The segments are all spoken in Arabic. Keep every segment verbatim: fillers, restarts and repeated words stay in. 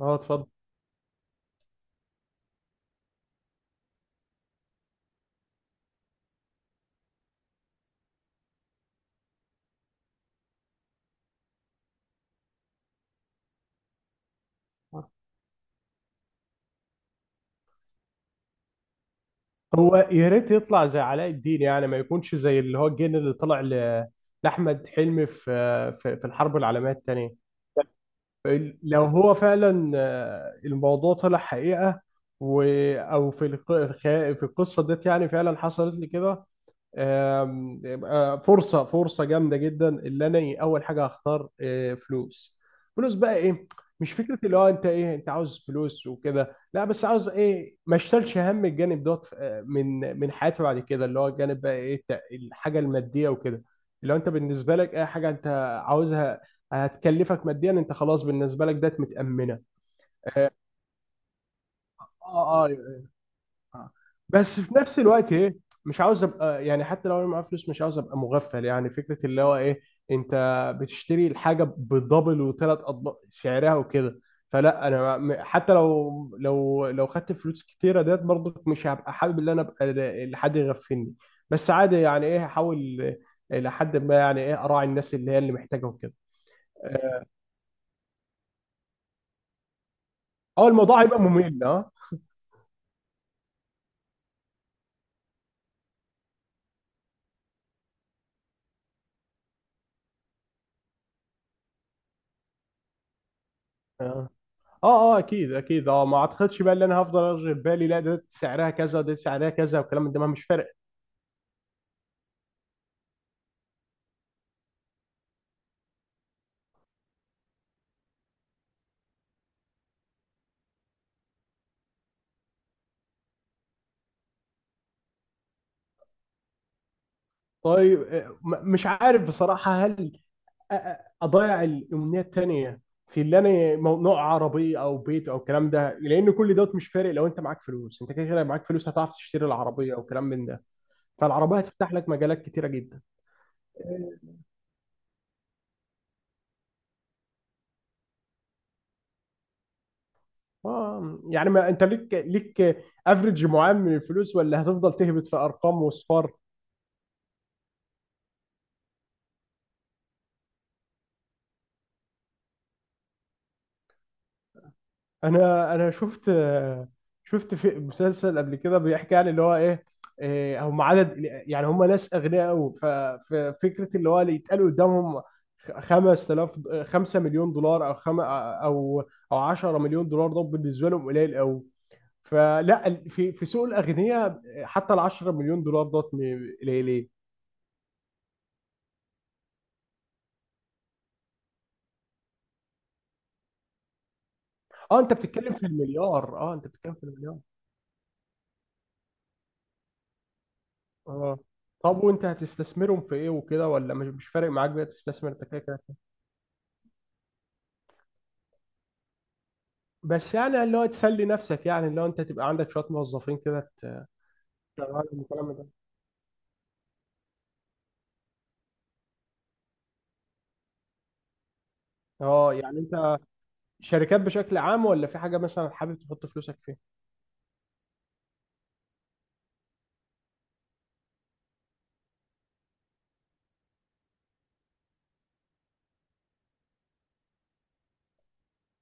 اه، اتفضل. هو يا ريت يطلع زي علاء الدين، يعني ما يكونش زي اللي هو الجن اللي طلع ل- لأحمد حلمي في في في الحرب العالمية التانية. لو هو فعلا آه، الموضوع طلع حقيقة، و أو في الق- في القصة ديت، يعني فعلا حصلت لي كده. آم، يبقى فرصه فرصه جامده جدا، اللي انا إيه، اول حاجه هختار آه، فلوس. فلوس بقى ايه؟ مش فكره اللي هو انت ايه، انت عاوز فلوس وكده، لا، بس عاوز ايه ما اشتلش هم الجانب دوت، آه، من من حياتي بعد كده، اللي هو الجانب بقى ايه الت- الحاجه الماديه وكده. لو انت بالنسبه لك اي حاجه انت عاوزها هتكلفك ماديا، انت خلاص بالنسبه لك ده متامنه. اه، اه، آه. بس في نفس الوقت ايه، مش عاوز ابقى، يعني حتى لو انا معايا فلوس مش عاوز ابقى مغفل، يعني فكره اللي هو ايه، انت بتشتري الحاجه بدبل وثلاث اضعاف سعرها وكده. فلا انا م- حتى لو لو لو خدت فلوس كتيره ديت، برضك مش هبقى حابب ان انا ابقى ل- لحد يغفلني. بس عادي، يعني ايه، هحاول لحد ما، يعني ايه، اراعي الناس اللي هي اللي محتاجه وكده. اه الموضوع هيبقى ممل، اه، آه. اه، اه، اكيد اكيد، اه ما اعتقدش بقى ان انا هفضل ارجع في بالي، لا ده سعرها كذا وده سعرها كذا والكلام من ده، ما مش فارق. طيب آه، م- مش عارف بصراحه، هل أ- أ- اضيع الامنيه التانيه في اللي انا مو- نوع عربيه او بيت او الكلام ده، لان كل دوت مش فارق. لو انت معاك فلوس، انت كده كده معاك فلوس، هتعرف تشتري العربيه او كلام من ده. فالعربيه هتفتح لك مجالات كتيره جدا. اه، يعني ما انت ليك ليك افريج معين من الفلوس، ولا هتفضل تهبط في ارقام واصفار؟ انا انا شفت شفت في مسلسل قبل كده بيحكي عن اللي هو ايه، إيه، هم عدد، يعني هم ناس اغنياء قوي. ففكره اللي هو اللي يتقال قدامهم خمسة آلاف، خمسة مليون دولار، او خم او او عشرة مليون دولار، ده بالنسبه لهم قليل قوي. فلا في في سوق الاغنياء، حتى ال عشر مليون دولار دوت م- قليلين. اه انت بتتكلم في المليار، اه انت بتتكلم في المليار. اه، طب وانت هتستثمرهم في ايه وكده، ولا مش مش فارق معاك بقى تستثمر، انت كده. بس يعني اللي هو تسلي نفسك، يعني اللي هو انت تبقى عندك شويه موظفين كده تشتغلهم والكلام ده. اه، يعني انت شركات بشكل عام، ولا في حاجه مثلا حابب تحط فلوسك فيها؟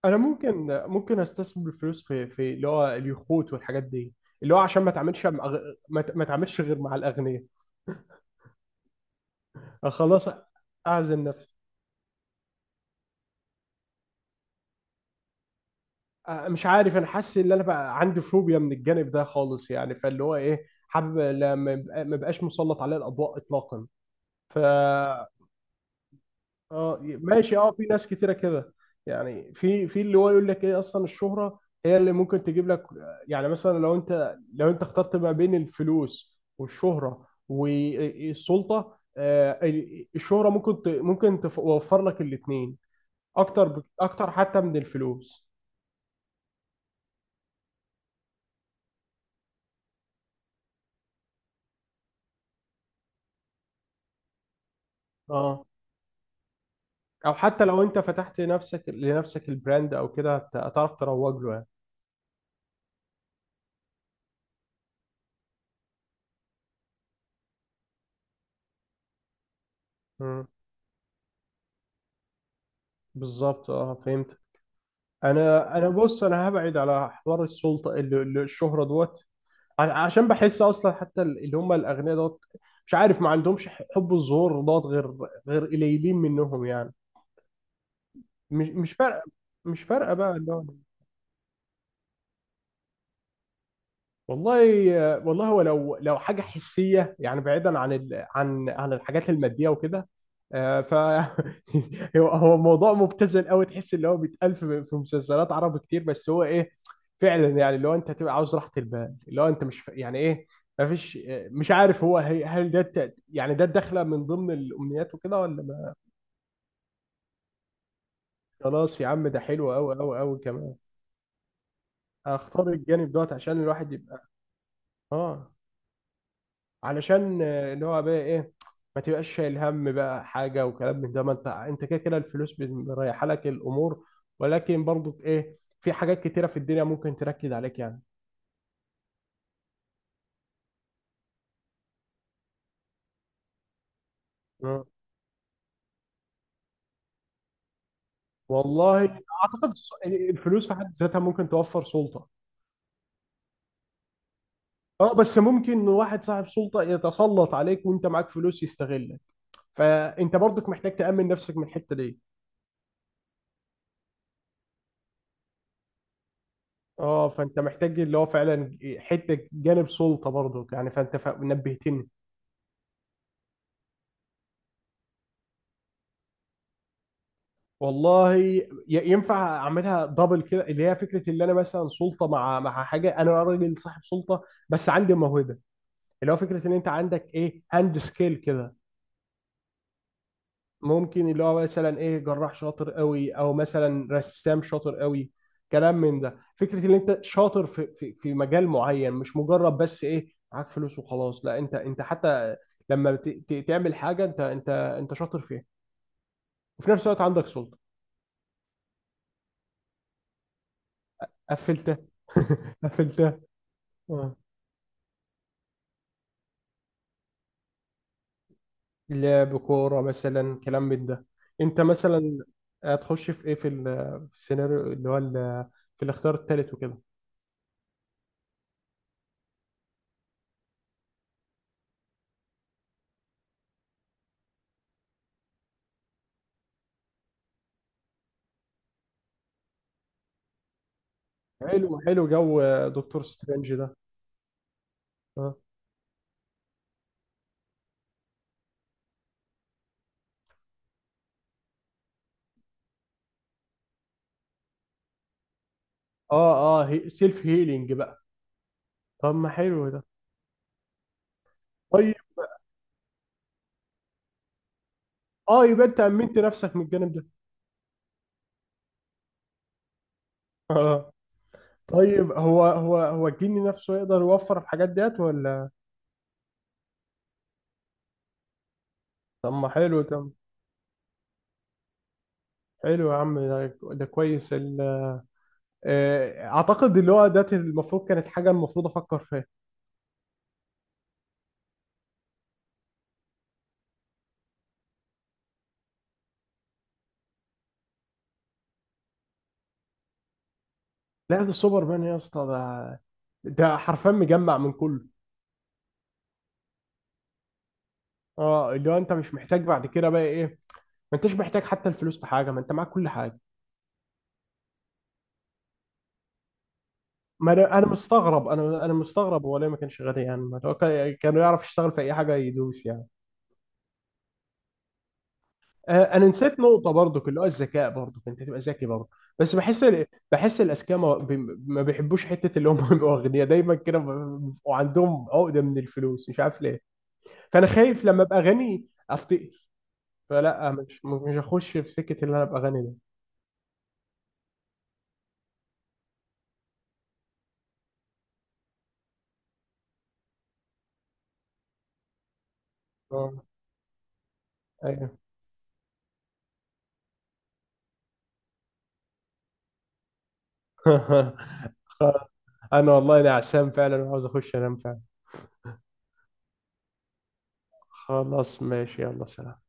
انا ممكن ممكن استثمر الفلوس في في اللي هو اليخوت والحاجات دي، اللي هو عشان ما اتعاملش مع غ- ما ت- ما اتعاملش غير مع الاغنياء. اه خلاص، اعزل نفسي. اه مش عارف، انا حاسس ان انا بقى عندي فوبيا من الجانب ده خالص، يعني فاللي هو ايه، حابب لا- ما يبقى- ما بقاش مسلط عليه الاضواء اطلاقا. ف اه ماشي، اه في ناس كتيره كده، يعني في في اللي هو يقول لك ايه، اصلا الشهره هي اللي ممكن تجيب لك، يعني مثلا لو انت لو انت اخترت ما بين الفلوس والشهره والسلطه، آه، ال- الشهره ممكن ت- ممكن توفر لك الاثنين، اكتر بك- اكتر حتى من الفلوس. اه، او حتى لو انت فتحت نفسك لنفسك البراند او كده، هت- هتعرف تروج له يعني. مم. بالظبط، اه فهمت. انا انا بص، انا هبعد على حوار السلطه، ال- ال- الشهره دوت، ع- عشان بحس اصلا حتى ال- اللي هم الاغنياء دوت، مش عارف، ما عندهمش ح- حب الظهور دوت غير غير قليلين منهم يعني. مش مش فارقه، مش فارقه بقى. والله والله، هو لو لو حاجه حسيه يعني، بعيدا عن ال... عن عن الحاجات الماديه وكده، آه، ف هو هو موضوع مبتذل قوي، تحس اللي هو بيتقال في في مسلسلات عربي كتير، بس هو ايه، فعلا يعني اللي هو انت تبقى عاوز راحه البال، اللي هو انت مش ف- يعني ايه، ما فيش. مش عارف هو هي- هل ده الت- يعني ده الدخله من ضمن الامنيات وكده ولا ما. خلاص يا عم، ده حلو قوي قوي قوي كمان. اختار الجانب دوت عشان الواحد يبقى، اه، علشان آه، اللي هو بقى ايه، ما تبقاش شايل هم بقى حاجه وكلام من ده، ما انت انت كده كده الفلوس بتريح لك الامور، ولكن برضو ايه، في حاجات كتيره في الدنيا ممكن تركز عليك يعني. مم. والله اعتقد الس- الفلوس في حد ذاتها ممكن توفر سلطه. اه، بس ممكن واحد صاحب سلطه يتسلط عليك وانت معاك فلوس، يستغلك، فانت برضك محتاج تامن نفسك من الحته دي. اه، فانت محتاج اللي هو فعلا حته جانب سلطه برضك يعني، فانت ف- نبهتني. والله ي- ينفع اعملها دبل كده، اللي هي فكره اللي انا مثلا سلطه مع مع حاجه، انا راجل صاحب سلطه بس عندي موهبه، اللي هو فكره ان انت عندك ايه، هاند سكيل كده، ممكن اللي هو مثلا ايه، جراح شاطر قوي، او مثلا رسام شاطر قوي، كلام من ده. فكره ان انت شاطر في في في مجال معين، مش مجرد بس ايه معاك فلوس وخلاص، لا انت انت حتى لما بت- ت- تعمل حاجه انت انت انت شاطر فيها، وفي نفس الوقت عندك سلطه. قفلتها. قفلتها. آه. لعب كورة مثلا كلام من ده، انت مثلا هتخش في ايه، في ال- في السيناريو، اللي هو ال- في الاختيار الثالث وكده. حلو حلو، جو دكتور سترينج ده. اه. اه, آه سيلف هيلينج بقى. طب ما حلو ده. طيب اه يبقى انت امنت نفسك من الجانب ده. اه، طيب هو هو هو الجني نفسه يقدر يوفر الحاجات ديت ولا؟ طب ما حلو ده، حلو يا عم، ده ده كويس ال- آه، اعتقد اللي هو ده المفروض كانت حاجة المفروض افكر فيها. لا ده سوبر مان يا اسطى، ده ده حرفيا مجمع من كله، اه اللي هو انت مش محتاج بعد كده بقى ايه، ما انتش محتاج حتى الفلوس في حاجه، ما انت معاك كل حاجه. ما انا انا مستغرب، انا انا مستغرب، هو ليه ما كانش غني؟ يعني ما هو كان- كان يعرف يشتغل في اي حاجه يدوس يعني. آه انا نسيت نقطه برضو، اللي هو الذكاء برضو، انت تبقى ذكي برضو. بس بحس ال- بحس الاذكياء ما بي- ما بيحبوش حته اللي هم، يبقوا اغنياء دايما كده، ب- بيبقوا عندهم عقده من الفلوس، مش عارف ليه. فانا خايف لما ابقى غني أفت... فلا مش مش هخش في سكة اللي انا ابقى غني ده. اه، ايوه. خ- انا والله نعسان فعلا، وعاوز اخش انام فعلا. خلاص ماشي، يلا سلام.